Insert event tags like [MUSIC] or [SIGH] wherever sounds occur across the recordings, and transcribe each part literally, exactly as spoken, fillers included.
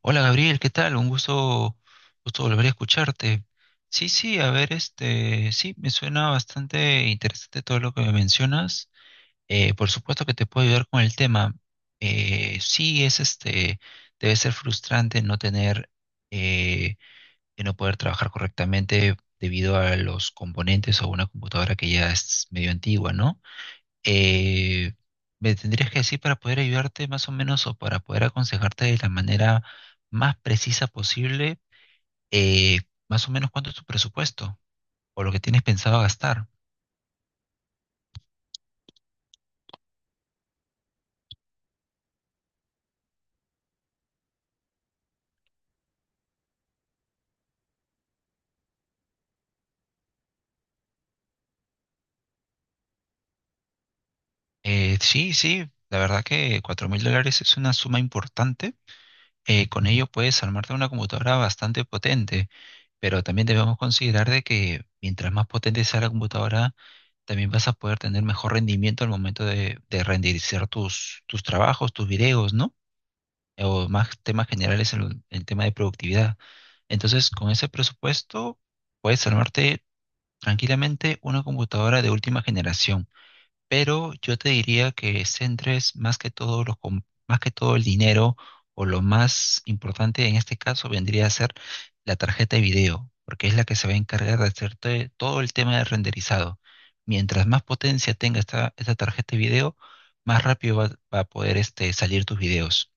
Hola Gabriel, ¿qué tal? Un gusto, gusto volver a escucharte. Sí, sí, a ver, este, sí, me suena bastante interesante todo lo que me mencionas. Eh, por supuesto que te puedo ayudar con el tema. Eh, sí, es este, debe ser frustrante no tener, eh, de no poder trabajar correctamente debido a los componentes o una computadora que ya es medio antigua, ¿no? eh, Me tendrías que decir para poder ayudarte más o menos o para poder aconsejarte de la manera más precisa posible, eh, más o menos cuánto es tu presupuesto o lo que tienes pensado gastar. Eh, sí, sí, la verdad que cuatro mil dólares es una suma importante. Eh, con ello puedes armarte una computadora bastante potente, pero también debemos considerar de que mientras más potente sea la computadora, también vas a poder tener mejor rendimiento al momento de, de renderizar tus, tus trabajos, tus videos, ¿no? O más temas generales en lo- el tema de productividad. Entonces, con ese presupuesto puedes armarte tranquilamente una computadora de última generación, pero yo te diría que centres más que todo los com- más que todo el dinero o lo más importante en este caso vendría a ser la tarjeta de video, porque es la que se va a encargar de hacerte todo el tema de renderizado. Mientras más potencia tenga esta, esta tarjeta de video, más rápido va, va a poder este, salir tus videos.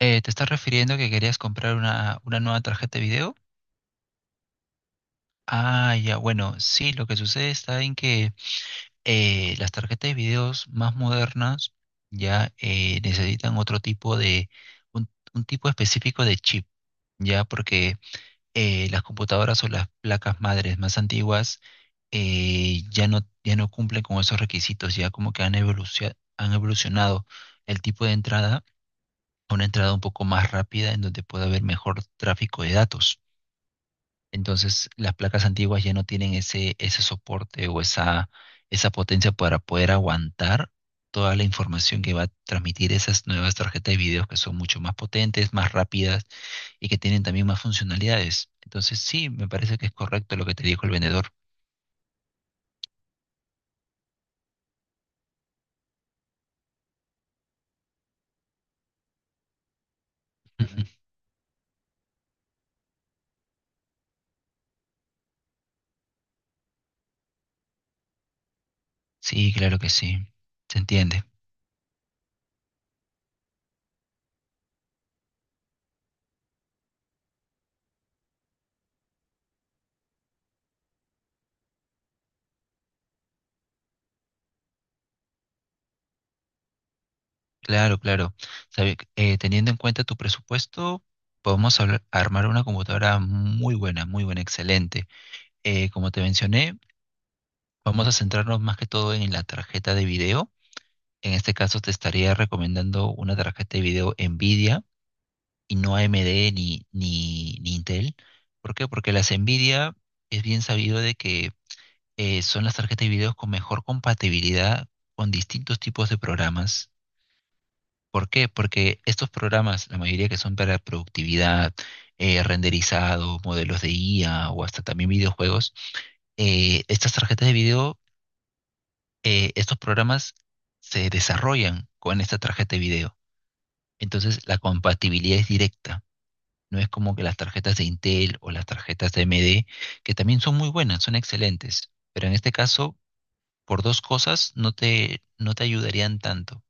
Eh, ¿te estás refiriendo que querías comprar una, una nueva tarjeta de video? Ah, ya, bueno, sí, lo que sucede está en que eh, las tarjetas de videos más modernas ya eh, necesitan otro tipo de, un, un tipo específico de chip, ya porque eh, las computadoras o las placas madres más antiguas eh, ya no, ya no cumplen con esos requisitos, ya como que han evolucio- han evolucionado el tipo de entrada una entrada un poco más rápida en donde pueda haber mejor tráfico de datos. Entonces, las placas antiguas ya no tienen ese, ese soporte o esa, esa potencia para poder aguantar toda la información que va a transmitir esas nuevas tarjetas de video que son mucho más potentes, más rápidas y que tienen también más funcionalidades. Entonces, sí, me parece que es correcto lo que te dijo el vendedor. [LAUGHS] Sí, claro que sí. Se entiende. Claro, claro. Sabe- eh, teniendo en cuenta tu presupuesto, podemos hablar- armar una computadora muy buena, muy buena, excelente. Eh, como te mencioné, vamos a centrarnos más que todo en la tarjeta de video. En este caso, te estaría recomendando una tarjeta de video Nvidia y no A M D ni, ni, ni Intel. ¿Por qué? Porque las Nvidia es bien sabido de que eh, son las tarjetas de video con mejor compatibilidad con distintos tipos de programas. ¿Por qué? Porque estos programas, la mayoría que son para productividad, eh, renderizado, modelos de I A o hasta también videojuegos, eh, estas tarjetas de video, eh, estos programas se desarrollan con esta tarjeta de video. Entonces la compatibilidad es directa. No es como que las tarjetas de Intel o las tarjetas de A M D, que también son muy buenas, son excelentes, pero en este caso, por dos cosas no te, no te ayudarían tanto.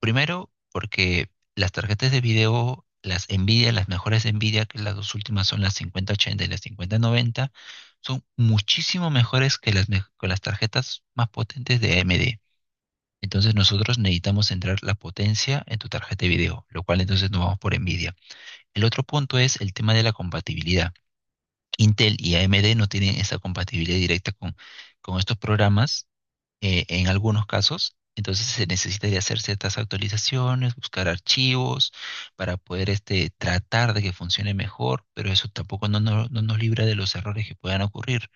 Primero, porque las tarjetas de video, las Nvidia, las mejores Nvidia, que las dos últimas son las cincuenta ochenta y las cincuenta noventa, son muchísimo mejores que las, me- que las tarjetas más potentes de A M D. Entonces nosotros necesitamos centrar la potencia en tu tarjeta de video, lo cual entonces nos vamos por Nvidia. El otro punto es el tema de la compatibilidad. Intel y A M D no tienen esa compatibilidad directa con, con estos programas eh, en algunos casos. Entonces se necesitaría hacer ciertas actualizaciones, buscar archivos para poder este, tratar de que funcione mejor, pero eso tampoco no, no- no nos libra de los errores que puedan ocurrir.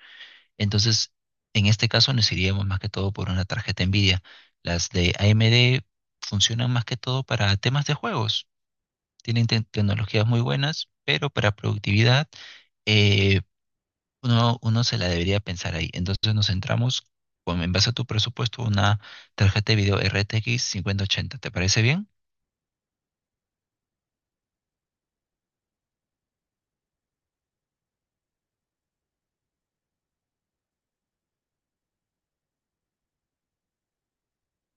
Entonces, en este caso nos iríamos más que todo por una tarjeta NVIDIA. Las de A M D funcionan más que todo para temas de juegos. Tienen te- tecnologías muy buenas, pero para productividad eh, uno, uno se la debería pensar ahí. Entonces nos centramos con, en base a tu presupuesto, una tarjeta de video R T X cincuenta ochenta. ¿Te parece bien?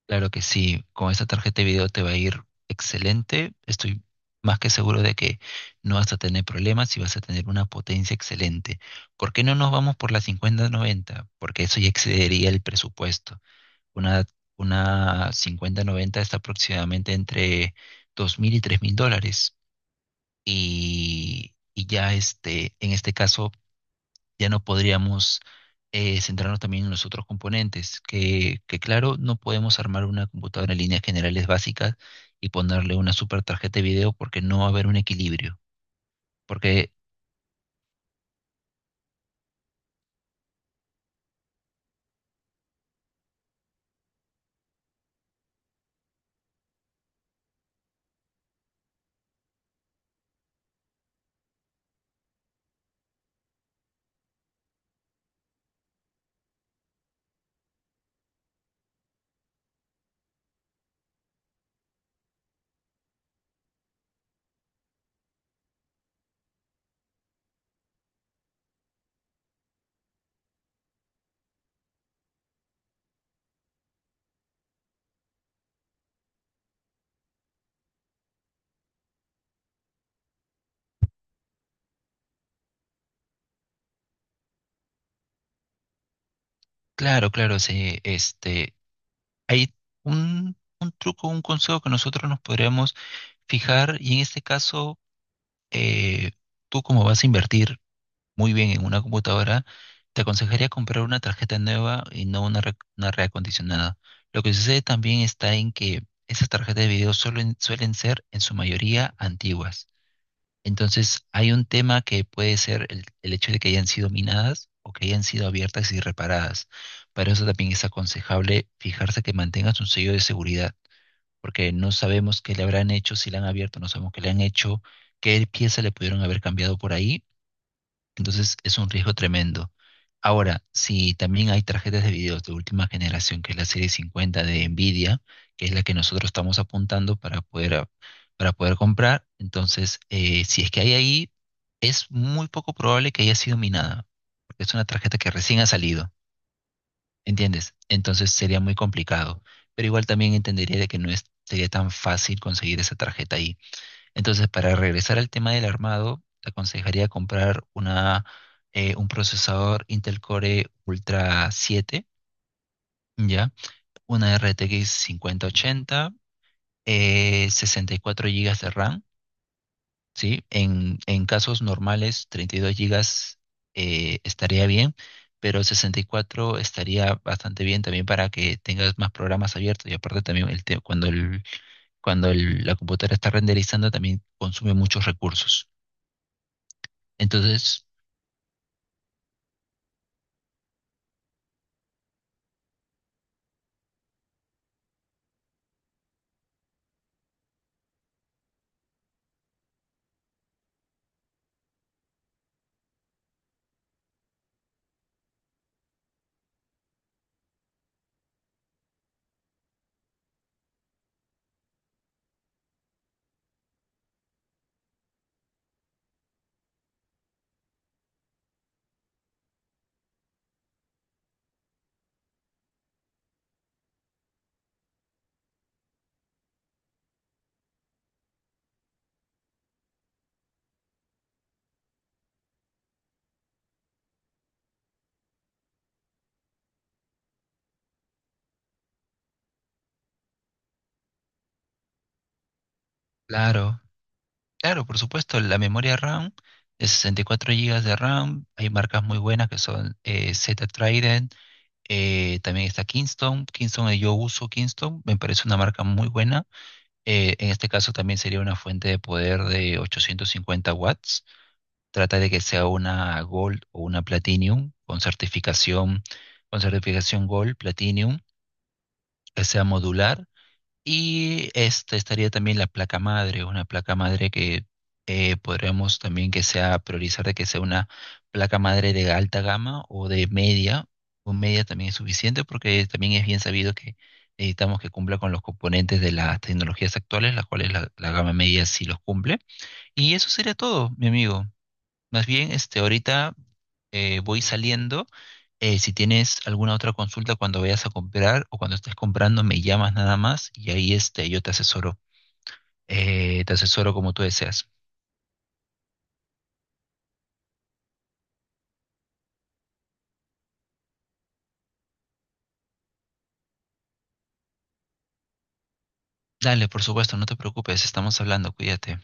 Claro que sí, con esta tarjeta de video te va a ir excelente. Estoy más que seguro de que no vas a tener problemas y vas a tener una potencia excelente. ¿Por qué no nos vamos por la cincuenta noventa? Porque eso ya excedería el presupuesto. Una, una cincuenta noventa está aproximadamente entre dos mil y tres mil dólares. y, y ya este, en este caso ya no podríamos eh, centrarnos también en los otros componentes, que, que claro, no podemos armar una computadora en líneas generales básicas y ponerle una super tarjeta de video porque no va a haber un equilibrio. Porque, claro, claro, se, este, hay un, un truco, un consejo que nosotros nos podríamos fijar y en este caso, eh, tú como vas a invertir, muy bien en una computadora, te aconsejaría comprar una tarjeta nueva y no una, re- una reacondicionada. Lo que sucede también está en que esas tarjetas de video suelen, suelen ser en su mayoría antiguas. Entonces, hay un tema que puede ser el, el hecho de que hayan sido minadas o que hayan sido abiertas y reparadas. Para eso también es aconsejable fijarse que mantengas un sello de seguridad, porque no sabemos qué le habrán hecho, si la han abierto, no sabemos qué le han hecho, qué pieza le pudieron haber cambiado por ahí, entonces es un riesgo tremendo. Ahora, si también hay tarjetas de video de última generación, que es la serie cincuenta de Nvidia, que es la que nosotros estamos apuntando para poder, a- para poder comprar, entonces eh, si es que hay ahí, es muy poco probable que haya sido minada, porque es una tarjeta que recién ha salido, ¿entiendes? Entonces sería muy complicado, pero igual también entendería de que no es, sería tan fácil conseguir esa tarjeta ahí. Entonces, para regresar al tema del armado, te aconsejaría comprar una, eh, un procesador Intel Core Ultra siete, ¿ya? Una R T X cincuenta ochenta, eh, sesenta y cuatro gigas de RAM, ¿sí? En, en casos normales, treinta y dos gigas eh, estaría bien, pero sesenta y cuatro estaría bastante bien también para que tengas más programas abiertos y aparte también el te- cuando, el, cuando el- la computadora está renderizando también consume muchos recursos. Entonces, claro, claro, por supuesto, la memoria RAM es sesenta y cuatro gigas de RAM, hay marcas muy buenas que son eh, Zeta Trident, eh, también está Kingston, Kingston eh, Yo uso Kingston, me parece una marca muy buena, eh, en este caso también sería una fuente de poder de ochocientos cincuenta watts, trata de que sea una Gold o una Platinum con certificación, con certificación Gold, Platinum, que sea modular y esta estaría también la placa madre, una placa madre que eh, podríamos también que sea priorizar de que sea una placa madre de alta gama o de media, o media también es suficiente porque también es bien sabido que necesitamos que cumpla con los componentes de las tecnologías actuales, las cuales la, la gama media sí los cumple. Y eso sería todo, mi amigo. Más bien, este, ahorita eh, voy saliendo. Eh, si tienes alguna otra consulta cuando vayas a comprar o cuando estés comprando, me llamas nada más y ahí este, yo te asesoro. Eh, te asesoro como tú deseas. Dale, por supuesto, no te preocupes, estamos hablando, cuídate.